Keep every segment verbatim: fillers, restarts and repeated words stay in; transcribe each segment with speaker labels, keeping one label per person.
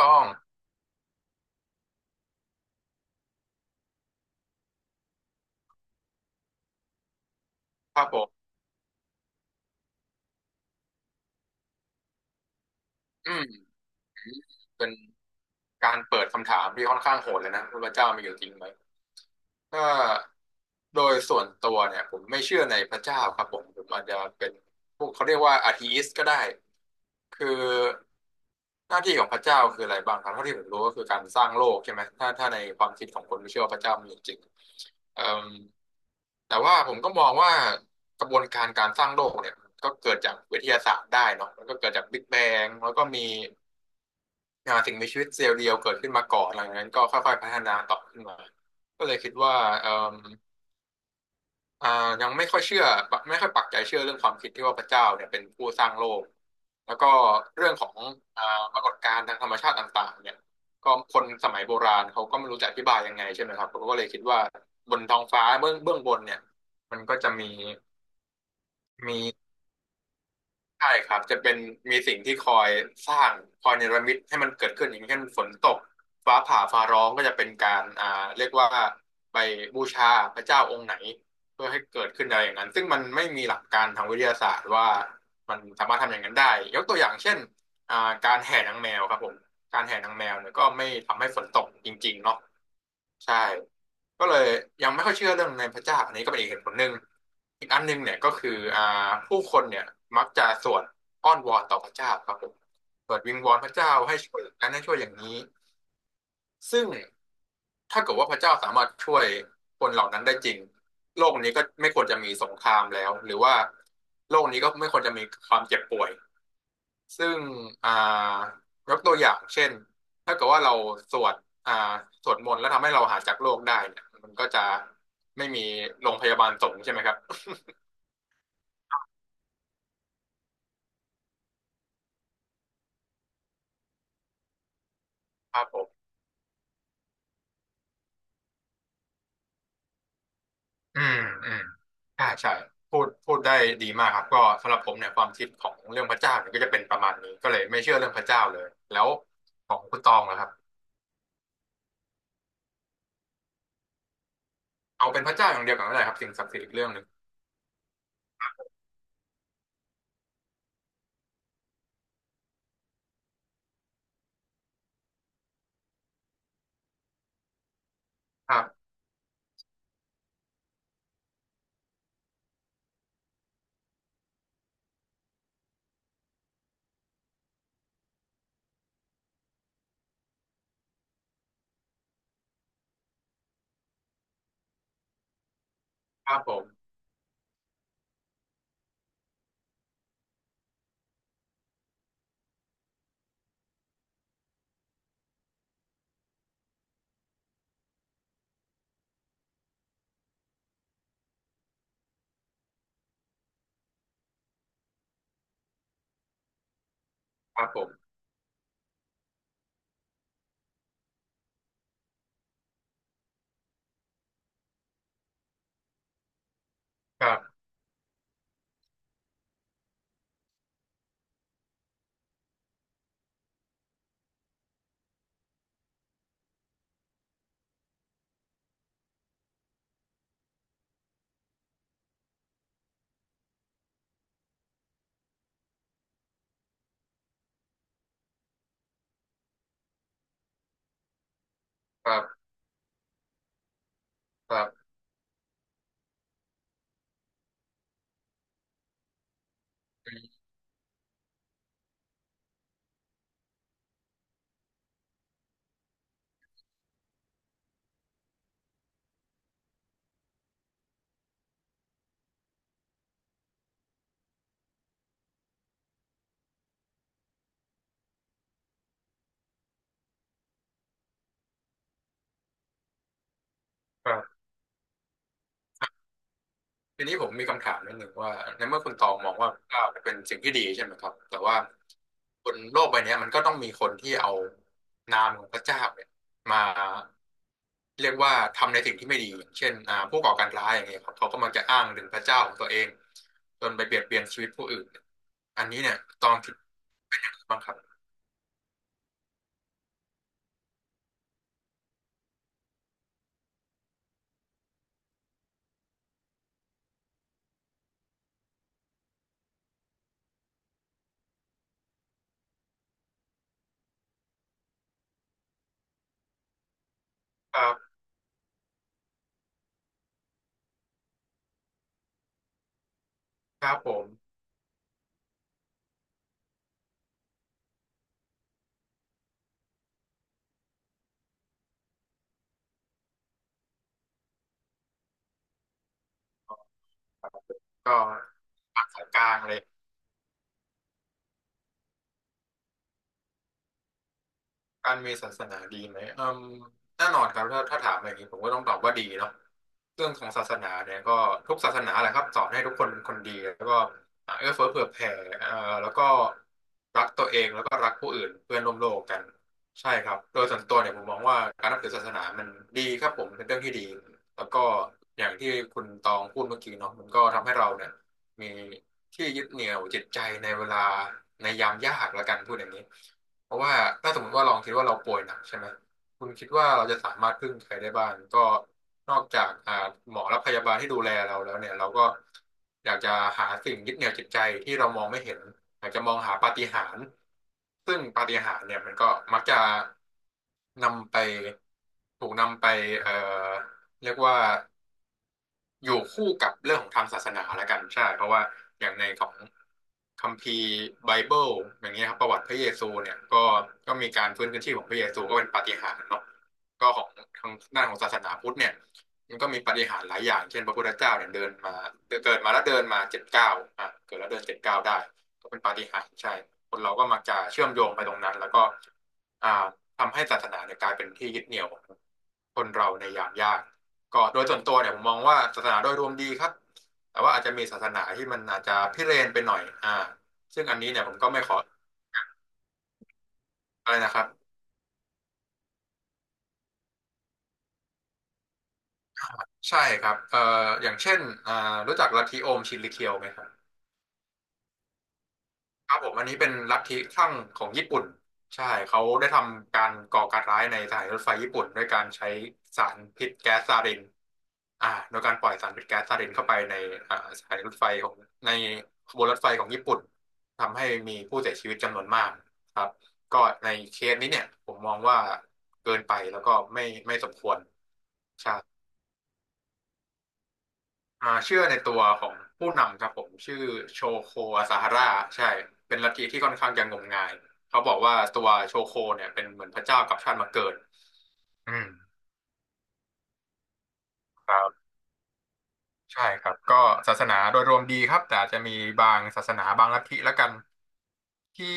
Speaker 1: ต้องครับผม อืมเป็นการเปิดคำถามที่ค่อนข้างโหดเลยนะว่าพระเจ้ามีอยู่จริงไหมถ้าโดยส่วนตัวเนี่ยผมไม่เชื่อในพระเจ้าครับผมผมอาจจะเป็นพวกเขาเรียกว่าอาธีอิสก็ได้คือหน้าที่ของพระเจ้าคืออะไรบ้างครับเท่าที่ผมรู้ก็คือการสร้างโลกใช่ไหมถ้าถ้าในความคิดของคนที่เชื่อว่าพระเจ้ามีอยู่จริงเอ่มแต่ว่าผมก็มองว่ากระบวนการการสร้างโลกเนี่ยก็เกิดจากวิทยาศาสตร์ได้เนาะมันก็เกิดจากบิ๊กแบงแล้วก็มี อ่าสิ่งมีชีวิตเซลล์เดียวเกิดขึ้นมาก่อนหลังจากนั้นก็ค่อยๆพัฒนาต่อขึ้นมาก็เลยคิดว่าเอ่มอ่ายังไม่ค่อยเชื่อไม่ค่อยปักใจเชื่อเรื่องความคิดที่ว่าพระเจ้าเนี่ยเป็นผู้สร้างโลกแล้วก็เรื่องของอ่าปรากฏการณ์ทางธรรมชาติต่างๆเนี่ยก็คนสมัยโบราณเขาก็ไม่รู้จะอธิบายยังไงใช่ไหมครับเขาก็เลยคิดว่าบนท้องฟ้าเบื้องเบื้องบนเนี่ยมันก็จะมีมี ใช่ครับจะเป็นมีสิ่งที่คอยสร้างคอยเนรมิตให้มันเกิดขึ้นอย่างเช่นฝนตกฟ้าผ่าฟ้าร้องก็จะเป็นการอ่าเรียกว่าไปบูชาพระเจ้าองค์ไหนเพื่อให้เกิดขึ้นอะไรอย่างนั้นซึ่งมันไม่มีหลักการทางวิทยาศาสตร์ว่ามันสามารถทำอย่างนั้นได้ยกตัวอย่างเช่นอ่าการแห่นางแมวครับผมการแห่นางแมวเนี่ยก็ไม่ทำให้ฝนตกจริงๆเนาะ ใช่ก็เลยยังไม่ค่อยเชื่อเรื่องในพระเจ้าอันนี้ก็เป็นอีกเหตุผลหนึ่งอีกอันหนึ่งเนี่ยก็คืออ่าผู้คนเนี่ยมักจะสวดอ้อนวอนต่อพระเจ้าครับผมสวดวิงวอนพระเจ้าให้ช่วยอย่างนั้นให้ช่วยอย่างนี้ซึ่งถ้าเกิดว่าพระเจ้าสามารถช่วยคนเหล่านั้นได้จริงโลกนี้ก็ไม่ควรจะมีสงครามแล้วหรือว่าโลกนี้ก็ไม่ควรจะมีความเจ็บป่วย ซึ่งอ่ายกตัวอย่างเช่นถ้าเกิดว่าเราสวดอ่าสวดมนต์แล้วทำให้เราหายจากโรคได้เนี่ยมันก็จะไม่มีโรงพยาบาลสงฆ์ใช่ไหมครับครับผมอืมอืมใช่ใช่พูดพูดได้ดีมากครับก็สำหรับผมเนี่ยความคิดของเรื่องพระเจ้าเนี่ยก็จะเป็นประมาณนี้ก็เลยไม่เชื่อเรื่องพระเจ้าเลยแล้วของคุณตองนะครับเอาเป็นพระเจ้าอย่างเดียวกันก็ได้ครับสิ่งศักดิ์สิทธิ์อีกเรื่องหนึ่งครับครับผมครับผมครับครับครับอืมครับ ทีนี้ผมมีคำถามนิดหนึ่งว่าในเมื่อคุณตองมองว่าก้าวเป็นสิ่งที่ดีใช่ไหมครับแต่ว่าบนโลกใบเนี้ยมันก็ต้องมีคนที่เอานามของพระเจ้าเนี่ยมาเรียกว่าทำในสิ่งที่ไม่ดีอย่างเช่นอ่าผู้ก่อการร้ายอย่างเงี้ยครับเขาก็มักจะอ้างถึงพระเจ้าของตัวเองจนไปเบียดเบียนชีวิตผู้อื่นอันนี้เนี่ยตองคิดบ้างครับครับครับผมก็ปักสายกลางเลย การมีศาสนาดีไหมอืมแน่นอนครับถ้าถ้าถามอย่างนี้ผมก็ต้องตอบว่าดีเนาะเรื่องของศาสนาเนี่ยก็ทุกศาสนาแหละครับสอนให้ทุกคนเป็นคนดีแล้วก็อ่าเอื้อเฟื้อเผื่อแผ่เอ่อแล้วก็รักตัวเองแล้วก็รักผู้อื่นเพื่อนร่วมโลกกันใช่ครับ โดยส่วนตัวเนี่ยผมมองว่าการนับถือศาสนามันดีครับผมเป็นเรื่องที่ดีแล้วก็อย่างที่คุณตองพูดเมื่อกี้เนาะมันก็ทำให้เราเนี่ยมีที่ยึดเหนี่ยวจิตใจในเวลาในยามยากละกันพูดอย่างนี้ เพราะว่าถ้าสมมติว่าลองคิดว่าเราป่วยหนักใช่ไหมคุณคิดว่าเราจะสามารถพึ่งใครได้บ้างก็นอกจากอ่าหมอและพยาบาลที่ดูแลเราแล้วเนี่ยเราก็อยากจะหาสิ่งยึดเหนี่ยวจิตใจที่เรามองไม่เห็นอยากจะมองหาปาฏิหาริย์ซึ่งปาฏิหาริย์เนี่ยมันก็มักจะนำไปถูกนำไปเอ่อเรียกว่า อยู่คู่กับเรื่องของทางศาสนาแล้วกันใช่เพราะว่าอย่างในของคัมภีร์ไบเบิลอย่างเงี้ยครับประวัติพระเยซูเนี่ยก็ก็มีการฟื้นคืนชีพของพระเยซูก็เป็นปาฏิหาริย์เนาะก็ของทางด้านของศาสนาพุทธเนี่ยมันก็มีปาฏิหาริย์หลายอย่างเช่นพระพุทธเจ้าเนี่ยเดินมาเกิดมาแล้วเดินมาเจ็ดเก้าอ่ะเกิดแล้วเดินเจ็ดเก้าได้ก็เป็นปาฏิหาริย์ใช่คนเราก็มักจะเชื่อมโยงไปตรงนั้นแล้วก็ อ่าทำให้ศาสนาเนี่ยกลายเป็นที่ยึดเหนี่ยวของคนเราในยามยากก็โดยส่วนตัวเนี่ยผมมองว่าศาสนาโดยรวมดีครับแต่ว่าอาจจะมีศาสนาที่มันอาจจะพิเรนไปหน่อยอ่าซึ่งอันนี้เนี่ยผมก็ไม่ขออะไรนะครับใช่ครับเอ่ออย่างเช่นอ่ารู้จักลัทธิโอมชินริเคียวไหมครับ ครับผมอันนี้เป็นลัทธิคลั่งของญี่ปุ่นใช่เขาได้ทำการก่อการร้ายในสถานีรถไฟญี่ปุ่นด้วยการใช้สารพิษแก๊สซารินอ่าโดยการปล่อยสารพิษแก๊สซารินเข้าไปในอ่าสถานีรถไฟของในขบวนรถไฟของญี่ปุ่นทำให้มีผู้เสียชีวิตจำนวนมากครับก็ในเคสนี้เนี่ยผมมองว่าเกินไปแล้วก็ไม่ไม่สมควรใช่ อ่าเชื่อในตัวของผู้นำครับผมชื่อโชโคอาซาฮาร่าใช่เป็นลัทธิที่ค่อนข้างจะงมงายเขาบอกว่าตัวโชโคเนี่ยเป็นเหมือนพระเจ้ากับชาติมาเกิดอืมครับ ใช่ครับก็ศาสนาโดยรวมดีครับแต่อาจจะมีบางศาสนาบางลัทธิละกันที่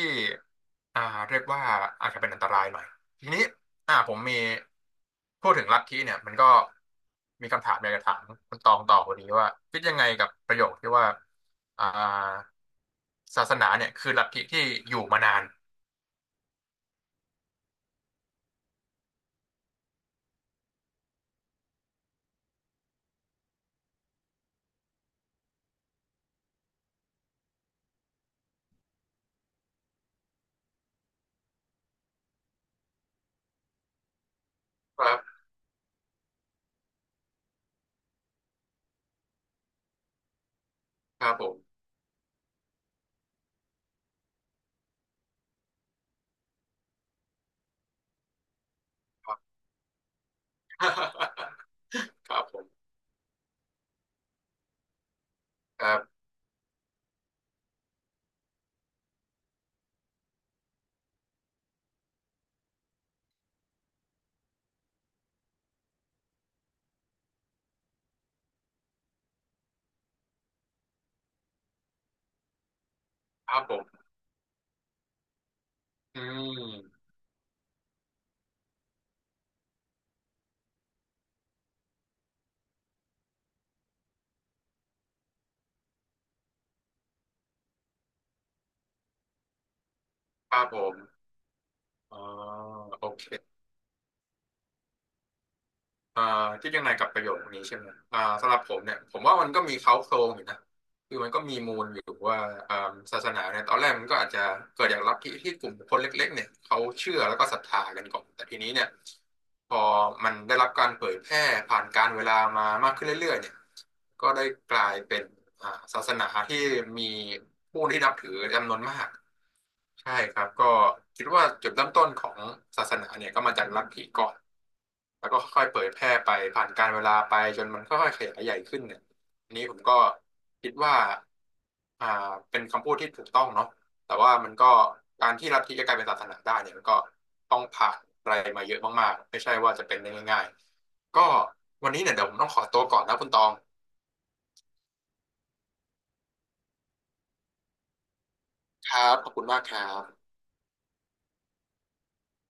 Speaker 1: อ่าเรียกว่าอาจจะเป็นอันตรายหน่อยทีนี้อ่าผมมีพูดถึงลัทธิเนี่ยมันก็มีคำถามอยากจะถามคุณตองต่อพอดีว่าคิดยังไงกับประโยคที่ว่าอ่าศาสนาเนี่ยคือลัทธิที่อยู่มานานครับครับผมครับ ครับผมครับครับผมอืมครับผมอ๋อโอเค อ่าที่ยังไงกับประโยคนี้ใช่ไหมอ่าสำหรับผมเนี่ยผมว่ามันก็มีเค้าโครงอยู่นะคือมันก็มีมูลอยู่ว่าอ่าศาสนาเนี่ยตอนแรกมันก็อาจจะเกิดจากลัทธิที่กลุ่มคนเล็กๆเนี่ยเขาเชื่อแล้วก็ศรัทธากันก่อนแต่ทีนี้เนี่ยพอมันได้รับการเผยแพร่ผ่านการเวลามามากขึ้นเรื่อยๆเนี่ย ก็ได้กลายเป็นอ่าศาสนาที่มีผู้ที่นับถือจำนวนมากใช่ครับก็คิดว่าจุดเริ่มต้นของศาสนาเนี่ยก็มาจากลัทธิก่อนแล้วก็ค่อยๆเผยแพร่ไปผ่านกาลเวลาไปจนมันค่อยๆขยายใหญ่ขึ้นเนี่ยอันนี้ผมก็คิดว่าอ่าเป็นคำพูดที่ถูกต้องเนาะแต่ว่ามันก็การที่ลัทธิจะกลายเป็นศาสนาได้เนี่ยมันก็ต้องผ่านอะไรมาเยอะมากๆไม่ใช่ว่าจะเป็นได้ง่ายๆก็วันนี้เนี่ยเดี๋ยวผมต้องขอตัวก่อนนะคุณตอง ครับ ขอบคุณมากครับ